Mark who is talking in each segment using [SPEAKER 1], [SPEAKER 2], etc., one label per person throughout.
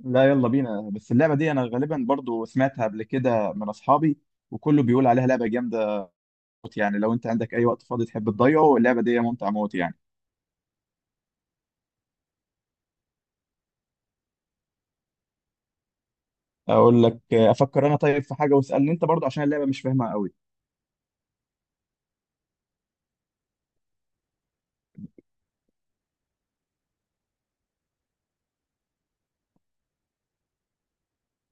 [SPEAKER 1] لا، يلا بينا. بس اللعبة دي أنا غالبا برضو سمعتها قبل كده من أصحابي، وكله بيقول عليها لعبة جامدة موت يعني. لو أنت عندك أي وقت فاضي تحب تضيعه، اللعبة دي ممتعة موت يعني. أقول لك أفكر أنا طيب في حاجة، واسألني أنت برضو عشان اللعبة مش فاهمها قوي.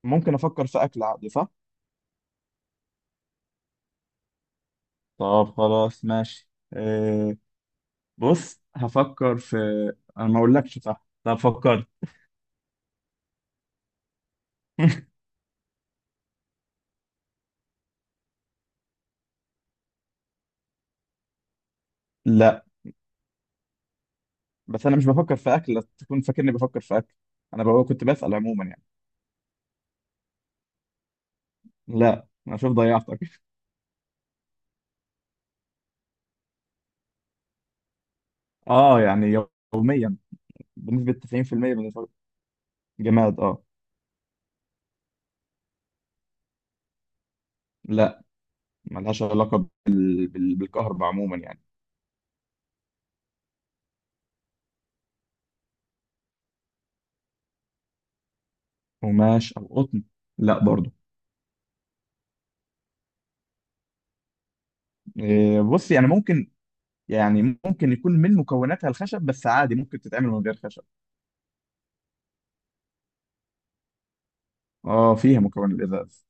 [SPEAKER 1] ممكن أفكر في أكل عادي صح؟ طب خلاص ماشي أه. بص هفكر في. أنا ما أقولكش صح. طب فكرت. لا بس أنا مش بفكر في أكل، لا تكون فاكرني بفكر في أكل. أنا بقى كنت بسأل عموما يعني. لا أنا شوف ضيعتك. آه يعني يوميا، بنسبة 90% بالنسبة. جماد اه. لا، ملهاش علاقة بالكهرباء عموما يعني. قماش أو قطن؟ لا برضو. إيه بص، يعني ممكن، يعني ممكن يكون من مكوناتها الخشب، بس عادي ممكن تتعمل من غير خشب. اه فيها مكون الإزاز.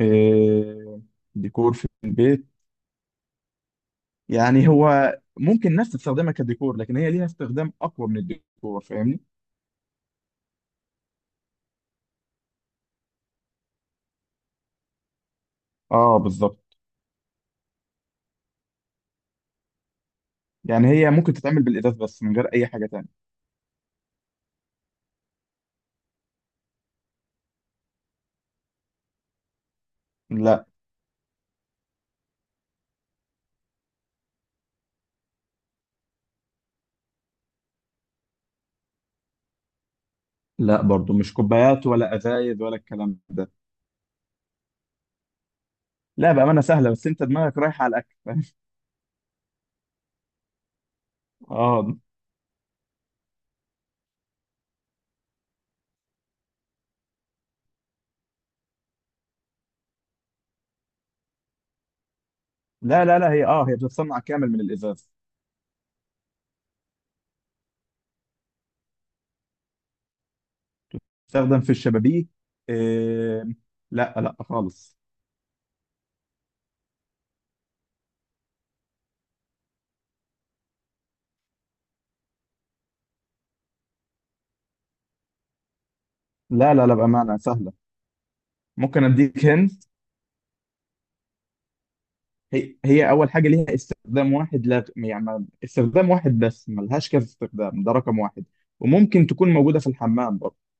[SPEAKER 1] إيه ديكور في البيت؟ يعني هو ممكن الناس تستخدمها كديكور، لكن هي ليها استخدام أقوى من الديكور فاهمني. اه بالظبط. يعني هي ممكن تتعمل بالإزاز بس من غير أي حاجة تانية. لا لا برضو، مش كوبايات ولا ازايد ولا الكلام ده. لا بامانه سهله، بس انت دماغك رايحه على الاكل فاهم؟ اه. لا لا لا، هي بتتصنع كامل من الازاز. تستخدم في الشبابيك؟ إيه. لا لا خالص. لا لا لا، بامانه سهله. ممكن اديك هند. هي اول حاجه ليها استخدام واحد، لا يعني استخدام واحد بس، ملهاش كذا استخدام، ده رقم واحد. وممكن تكون موجوده في الحمام برضه.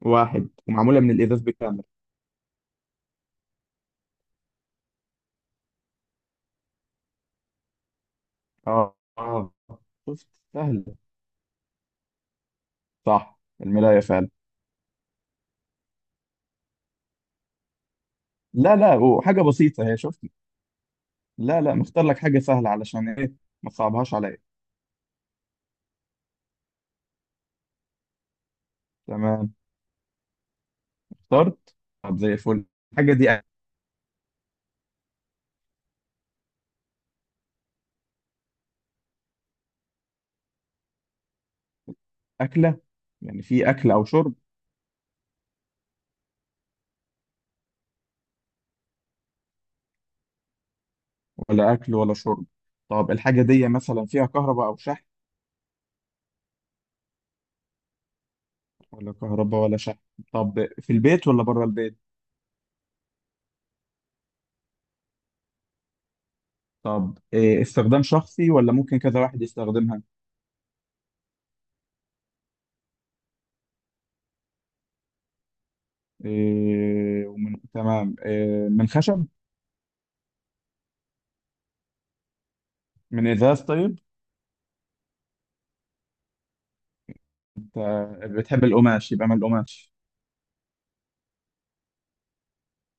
[SPEAKER 1] واحد ومعموله من الازاز بالكامل. اه اه. شفت؟ سهله. صح الملايه فعلا. لا لا، وحاجة بسيطة هي شفتي. لا لا، مختار لك حاجة سهلة علشان ايه، ما تصعبهاش عليا. تمام. اخترت. طب زي الفل. الحاجة دي أكلة؟ يعني في أكل أو شرب. ولا أكل ولا شرب. طب الحاجة دي مثلا فيها كهرباء أو شحن؟ ولا كهرباء ولا شحن. طب في البيت ولا بره البيت؟ طب إيه، استخدام شخصي ولا ممكن كذا واحد يستخدمها؟ إيه ومن تمام، إيه من خشب؟ من إزاز طيب. انت بتحب القماش، يبقى من القماش.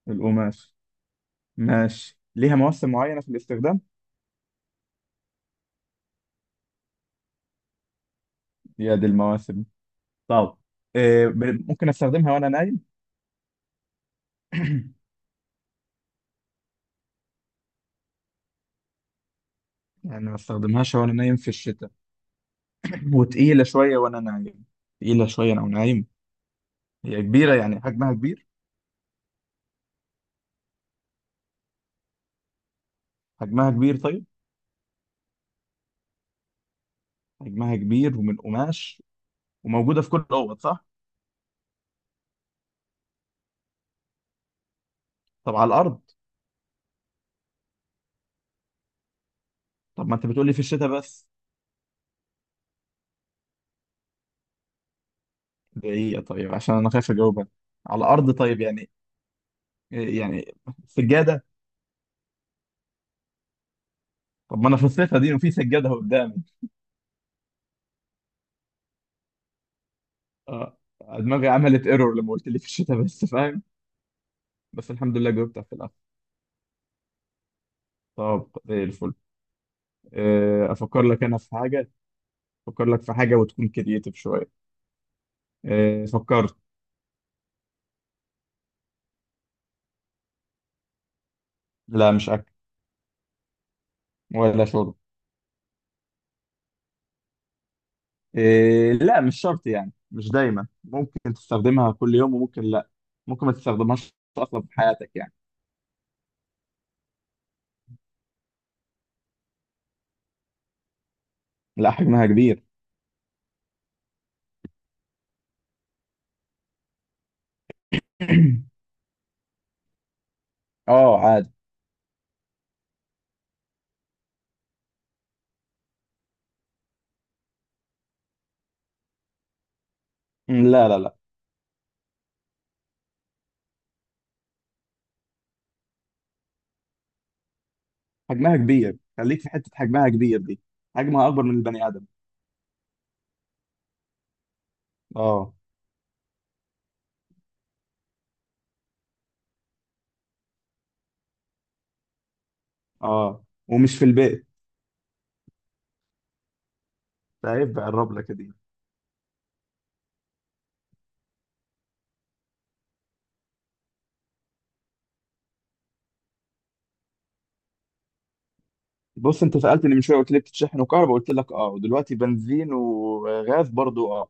[SPEAKER 1] القماش ماشي. ليها مواسم معينة في الاستخدام. يا دي المواسم. طب ممكن استخدمها وانا نايم؟ يعني ما استخدمهاش وانا نايم في الشتاء. وتقيلة شوية وانا نايم. تقيلة شوية انا نايم. هي كبيرة، يعني حجمها كبير. حجمها كبير طيب. حجمها كبير ومن قماش، وموجودة في كل الاوض صح؟ طب على الارض. طب ما انت بتقولي في الشتاء بس. دقيقة طيب، عشان انا خايف اجاوبها. على الارض طيب، يعني يعني سجادة. طب ما انا في الصيف دي وفي سجادة قدامي. اه دماغي عملت ايرور لما قلت لي في الشتاء بس، فاهم. بس الحمد لله جاوبت في الاخر. طب زي الفل. افكر لك انا في حاجه. افكر لك في حاجه وتكون كرييتيف شويه. فكرت. لا مش اكل ولا شرب. لا مش شرط، يعني مش دايما، ممكن تستخدمها كل يوم وممكن لا. ممكن ما تستخدمهاش اصلا في حياتك يعني. لا حجمها كبير. اه عادي. لا لا لا، حجمها كبير، خليك في حته حجمها كبير دي. حجمها اكبر من البني ادم. اه اه. ومش في البيت. ده عيب بقى الربلة كده. بص انت سألتني من شوية قلت لي بتتشحن وكهرباء قلت لك اه، ودلوقتي بنزين وغاز برضو اه.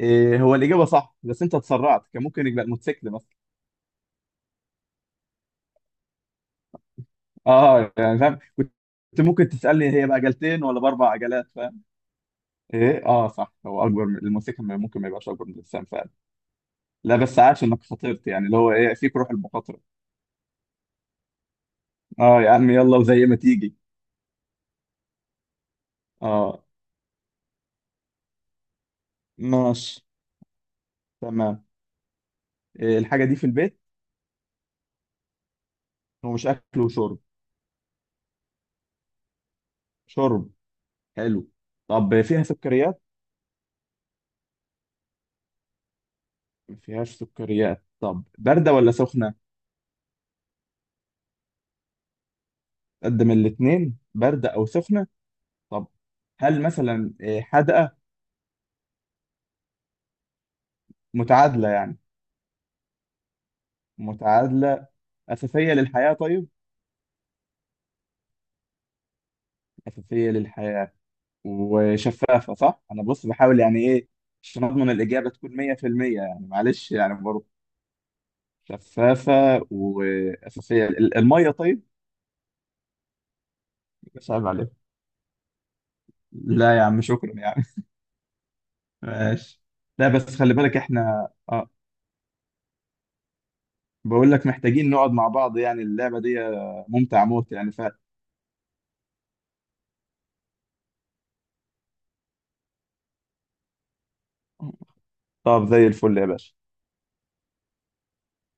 [SPEAKER 1] إيه هو الإجابة صح، بس انت اتسرعت، كان ممكن يبقى الموتوسيكل مثلا. اه يعني فاهم كنت. ممكن تسألني هي بعجلتين ولا بأربع عجلات فاهم. ايه اه صح، هو أكبر من الموتوسيكل، ممكن ما يبقاش أكبر من الإنسان فعلا. لا بس عاش إنك خاطرت، يعني اللي هو ايه فيك روح المخاطرة. اه يا عم يلا، وزي ما تيجي. اه. ماشي. تمام. إيه الحاجة دي في البيت؟ هو مش أكل وشرب. شرب. حلو. طب فيها سكريات؟ ما فيهاش سكريات. طب باردة ولا سخنة؟ قدم الاتنين، باردة أو سخنة. طب هل مثلا حدقة؟ متعادلة يعني. متعادلة. أساسية للحياة طيب. أساسية للحياة. وشفافة صح، أنا بص بحاول يعني إيه عشان أضمن الإجابة تكون 100% يعني، معلش يعني برضه. شفافة. وأساسية، المية طيب. مش عيب عليك. لا يا عم شكرا يعني. ماشي. لا بس خلي بالك، احنا اه بقول لك محتاجين نقعد مع بعض يعني. اللعبة دي ممتعة موت يعني طب زي الفل يا باشا.